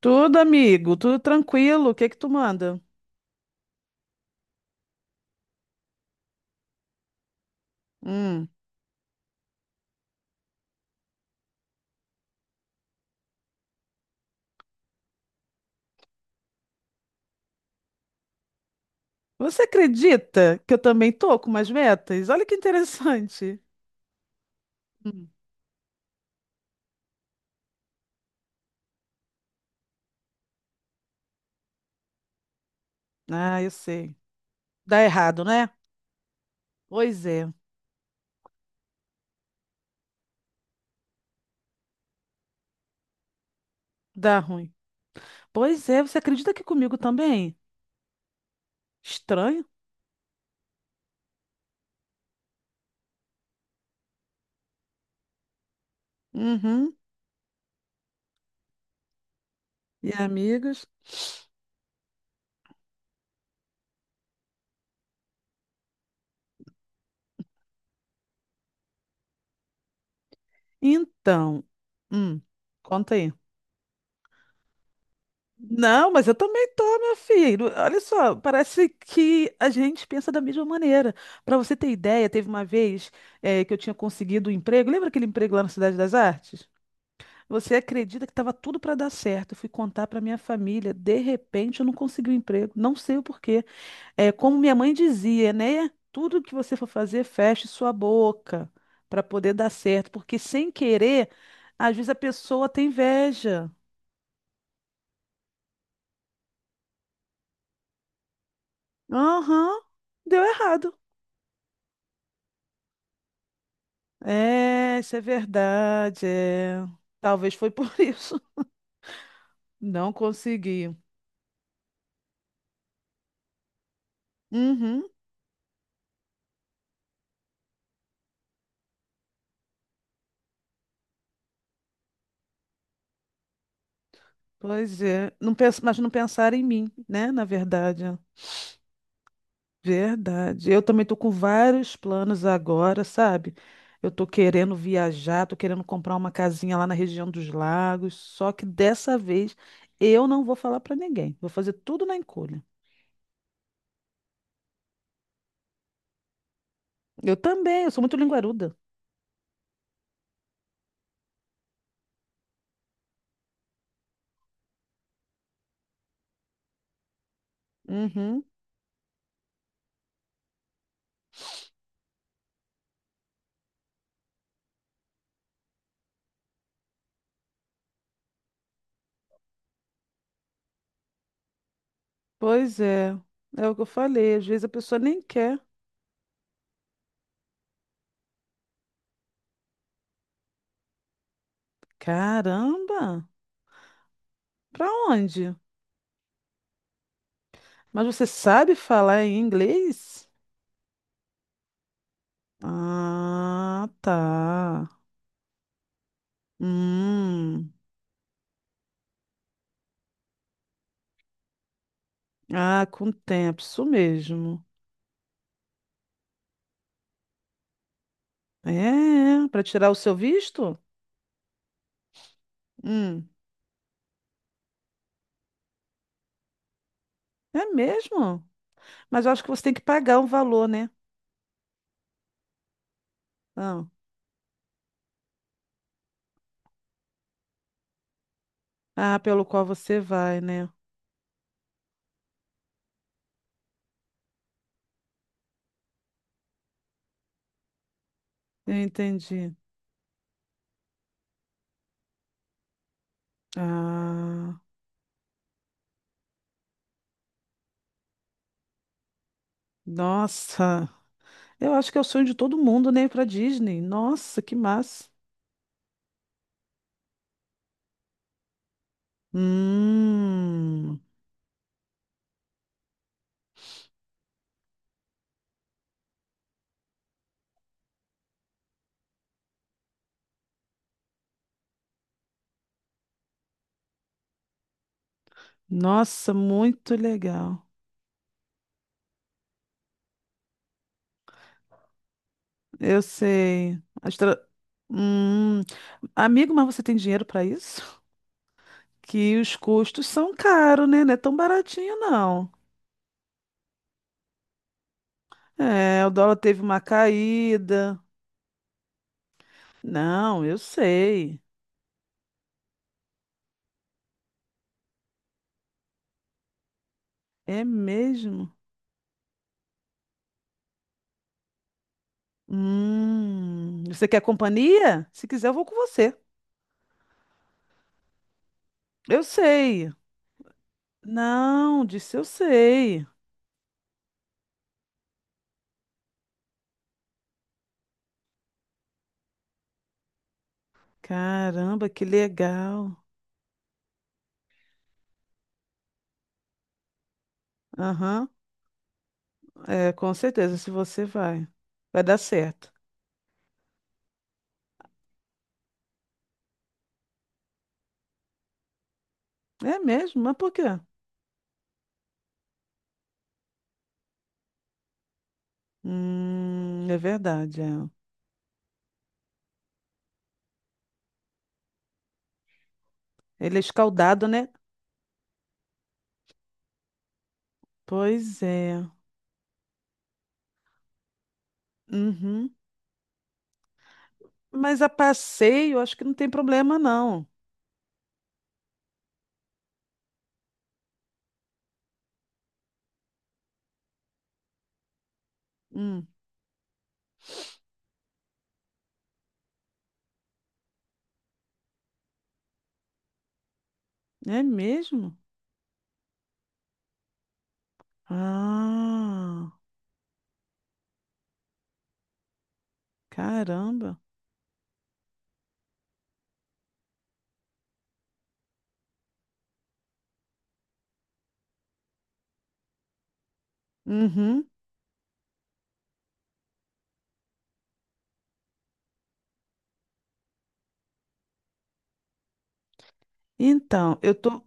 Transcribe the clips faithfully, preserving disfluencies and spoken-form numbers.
Tudo, amigo, tudo tranquilo. O que que tu manda? Hum. Você acredita que eu também tô com umas metas? Olha que interessante. Hum. Ah, eu sei. Dá errado, né? Pois é, dá ruim. Pois é, você acredita que comigo também? Estranho? Uhum. E amigas? Então, hum, conta aí. Não, mas eu também tô, meu filho. Olha só, parece que a gente pensa da mesma maneira. Para você ter ideia, teve uma vez, eh, que eu tinha conseguido um emprego. Lembra aquele emprego lá na Cidade das Artes? Você acredita que estava tudo para dar certo? Eu fui contar para minha família. De repente, eu não consegui o emprego. Não sei o porquê. É, como minha mãe dizia, né? Tudo que você for fazer, feche sua boca para poder dar certo, porque sem querer, às vezes a pessoa tem inveja. Aham, deu errado. É, isso é verdade. É. Talvez foi por isso. Não consegui. Uhum, pois é. Não penso, mas não pensar em mim, né? Na verdade. Ó. Verdade. Eu também tô com vários planos agora, sabe? Eu tô querendo viajar, tô querendo comprar uma casinha lá na região dos lagos. Só que dessa vez eu não vou falar pra ninguém. Vou fazer tudo na encolha. Eu também, eu sou muito linguaruda. Uhum, pois é. É o que eu falei. Às vezes a pessoa nem quer. Caramba! Pra onde? Mas você sabe falar em inglês? Ah, tá. Hum. Ah, com o tempo, isso mesmo. É, para tirar o seu visto? Hum. É mesmo? Mas eu acho que você tem que pagar um valor, né? Ah, ah, pelo qual você vai, né? Eu entendi. Ah, nossa. Eu acho que é o sonho de todo mundo, né? Ir pra Disney. Nossa, que massa. Hum. Nossa, muito legal. Eu sei. Astra- Hum, amigo, mas você tem dinheiro para isso? Que os custos são caros, né? Não é tão baratinho, não. É, o dólar teve uma caída. Não, eu sei. É mesmo? Hum, você quer companhia? Se quiser, eu vou com você. Eu sei. Não, disse eu sei. Caramba, que legal. Aham. É, com certeza, se você vai. Vai dar certo. É mesmo? Mas por quê? Hum, é verdade. É. Ele é escaldado, né? Pois é. Uhum. Mas a passeio, acho que não tem problema, não. Hum, é mesmo? Ah, caramba. Uhum. Então, eu tô.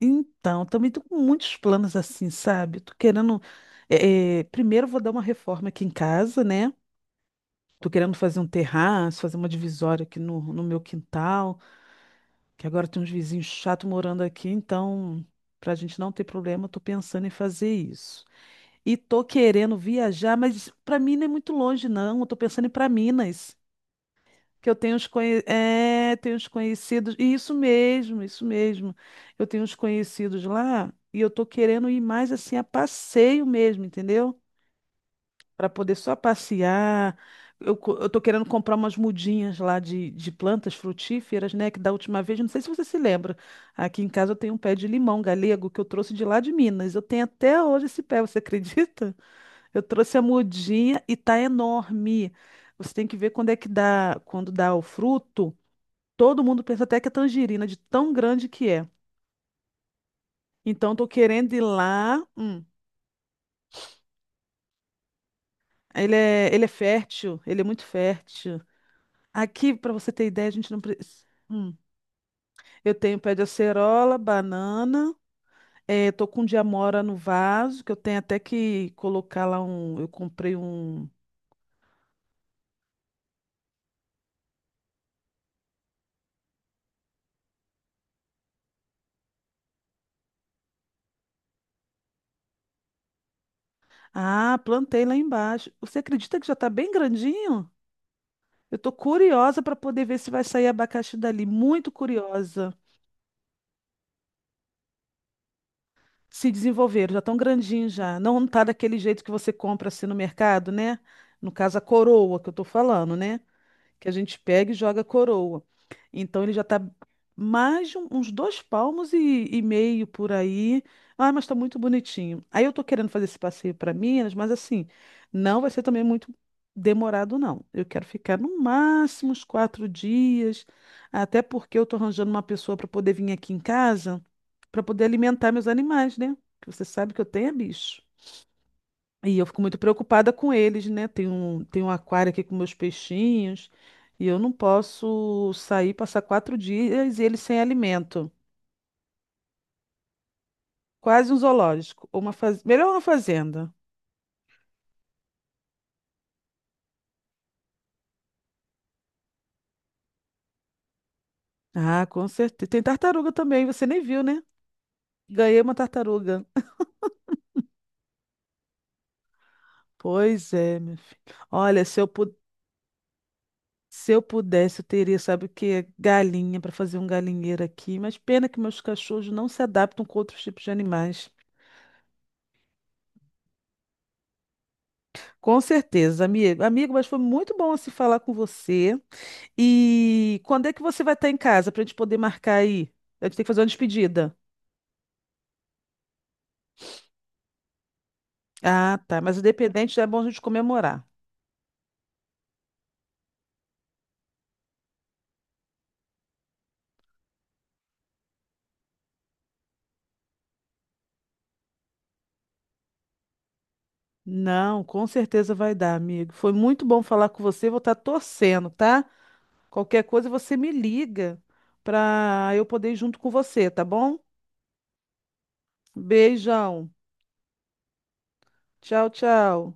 Então, também tô com muitos planos assim, sabe? Tô querendo. é, é, primeiro, eu vou dar uma reforma aqui em casa, né? Tô querendo fazer um terraço, fazer uma divisória aqui no, no meu quintal, que agora tem uns vizinhos chatos morando aqui, então, pra gente não ter problema, eu tô pensando em fazer isso. E tô querendo viajar, mas pra mim não é muito longe, não. Eu tô pensando em ir pra Minas, que eu tenho uns, conhe... é, tenho uns conhecidos. E isso mesmo, isso mesmo. Eu tenho uns conhecidos lá e eu tô querendo ir mais assim a passeio mesmo, entendeu? Para poder só passear. Eu, co- eu tô querendo comprar umas mudinhas lá de, de plantas frutíferas, né? Que da última vez, não sei se você se lembra, aqui em casa eu tenho um pé de limão galego que eu trouxe de lá de Minas. Eu tenho até hoje esse pé, você acredita? Eu trouxe a mudinha e tá enorme. Você tem que ver quando é que dá, quando dá o fruto. Todo mundo pensa até que é tangerina, de tão grande que é. Então, eu tô querendo ir lá. Hum, ele é, ele é fértil, ele é muito fértil. Aqui, para você ter ideia, a gente não precisa. Hum. Eu tenho pé de acerola, banana. Eh, tô com diamora no vaso, que eu tenho até que colocar lá um. Eu comprei um. Ah, plantei lá embaixo. Você acredita que já tá bem grandinho? Eu tô curiosa para poder ver se vai sair abacaxi dali. Muito curiosa. Se desenvolveram, já tão grandinhos já. Não tá daquele jeito que você compra assim no mercado, né? No caso, a coroa que eu tô falando, né? Que a gente pega e joga coroa. Então ele já está mais de um- uns dois palmos e, e meio por aí. Ah, mas está muito bonitinho. Aí eu estou querendo fazer esse passeio para Minas, mas assim, não vai ser também muito demorado, não. Eu quero ficar no máximo uns quatro dias, até porque eu estou arranjando uma pessoa para poder vir aqui em casa, para poder alimentar meus animais, né? Que você sabe que eu tenho é bicho. E eu fico muito preocupada com eles, né? Tem um, tem um aquário aqui com meus peixinhos e eu não posso sair, passar quatro dias e eles sem alimento. Quase um zoológico. Ou uma faz... Melhor uma fazenda. Ah, com certeza. Tem tartaruga também, você nem viu, né? Ganhei uma tartaruga. Pois é, meu filho. Olha, se eu, pu- se eu pudesse, eu teria, sabe o quê? Galinha para fazer um galinheiro aqui. Mas pena que meus cachorros não se adaptam com outros tipos de animais. Com certeza, amigo. Amigo, mas foi muito bom se falar com você. E quando é que você vai estar em casa para a gente poder marcar aí? A gente tem que fazer uma despedida. Ah, tá. Mas independente, já é bom a gente comemorar. Não, com certeza vai dar, amigo. Foi muito bom falar com você. Vou estar torcendo, tá? Qualquer coisa você me liga para eu poder ir junto com você, tá bom? Beijão. Tchau, tchau.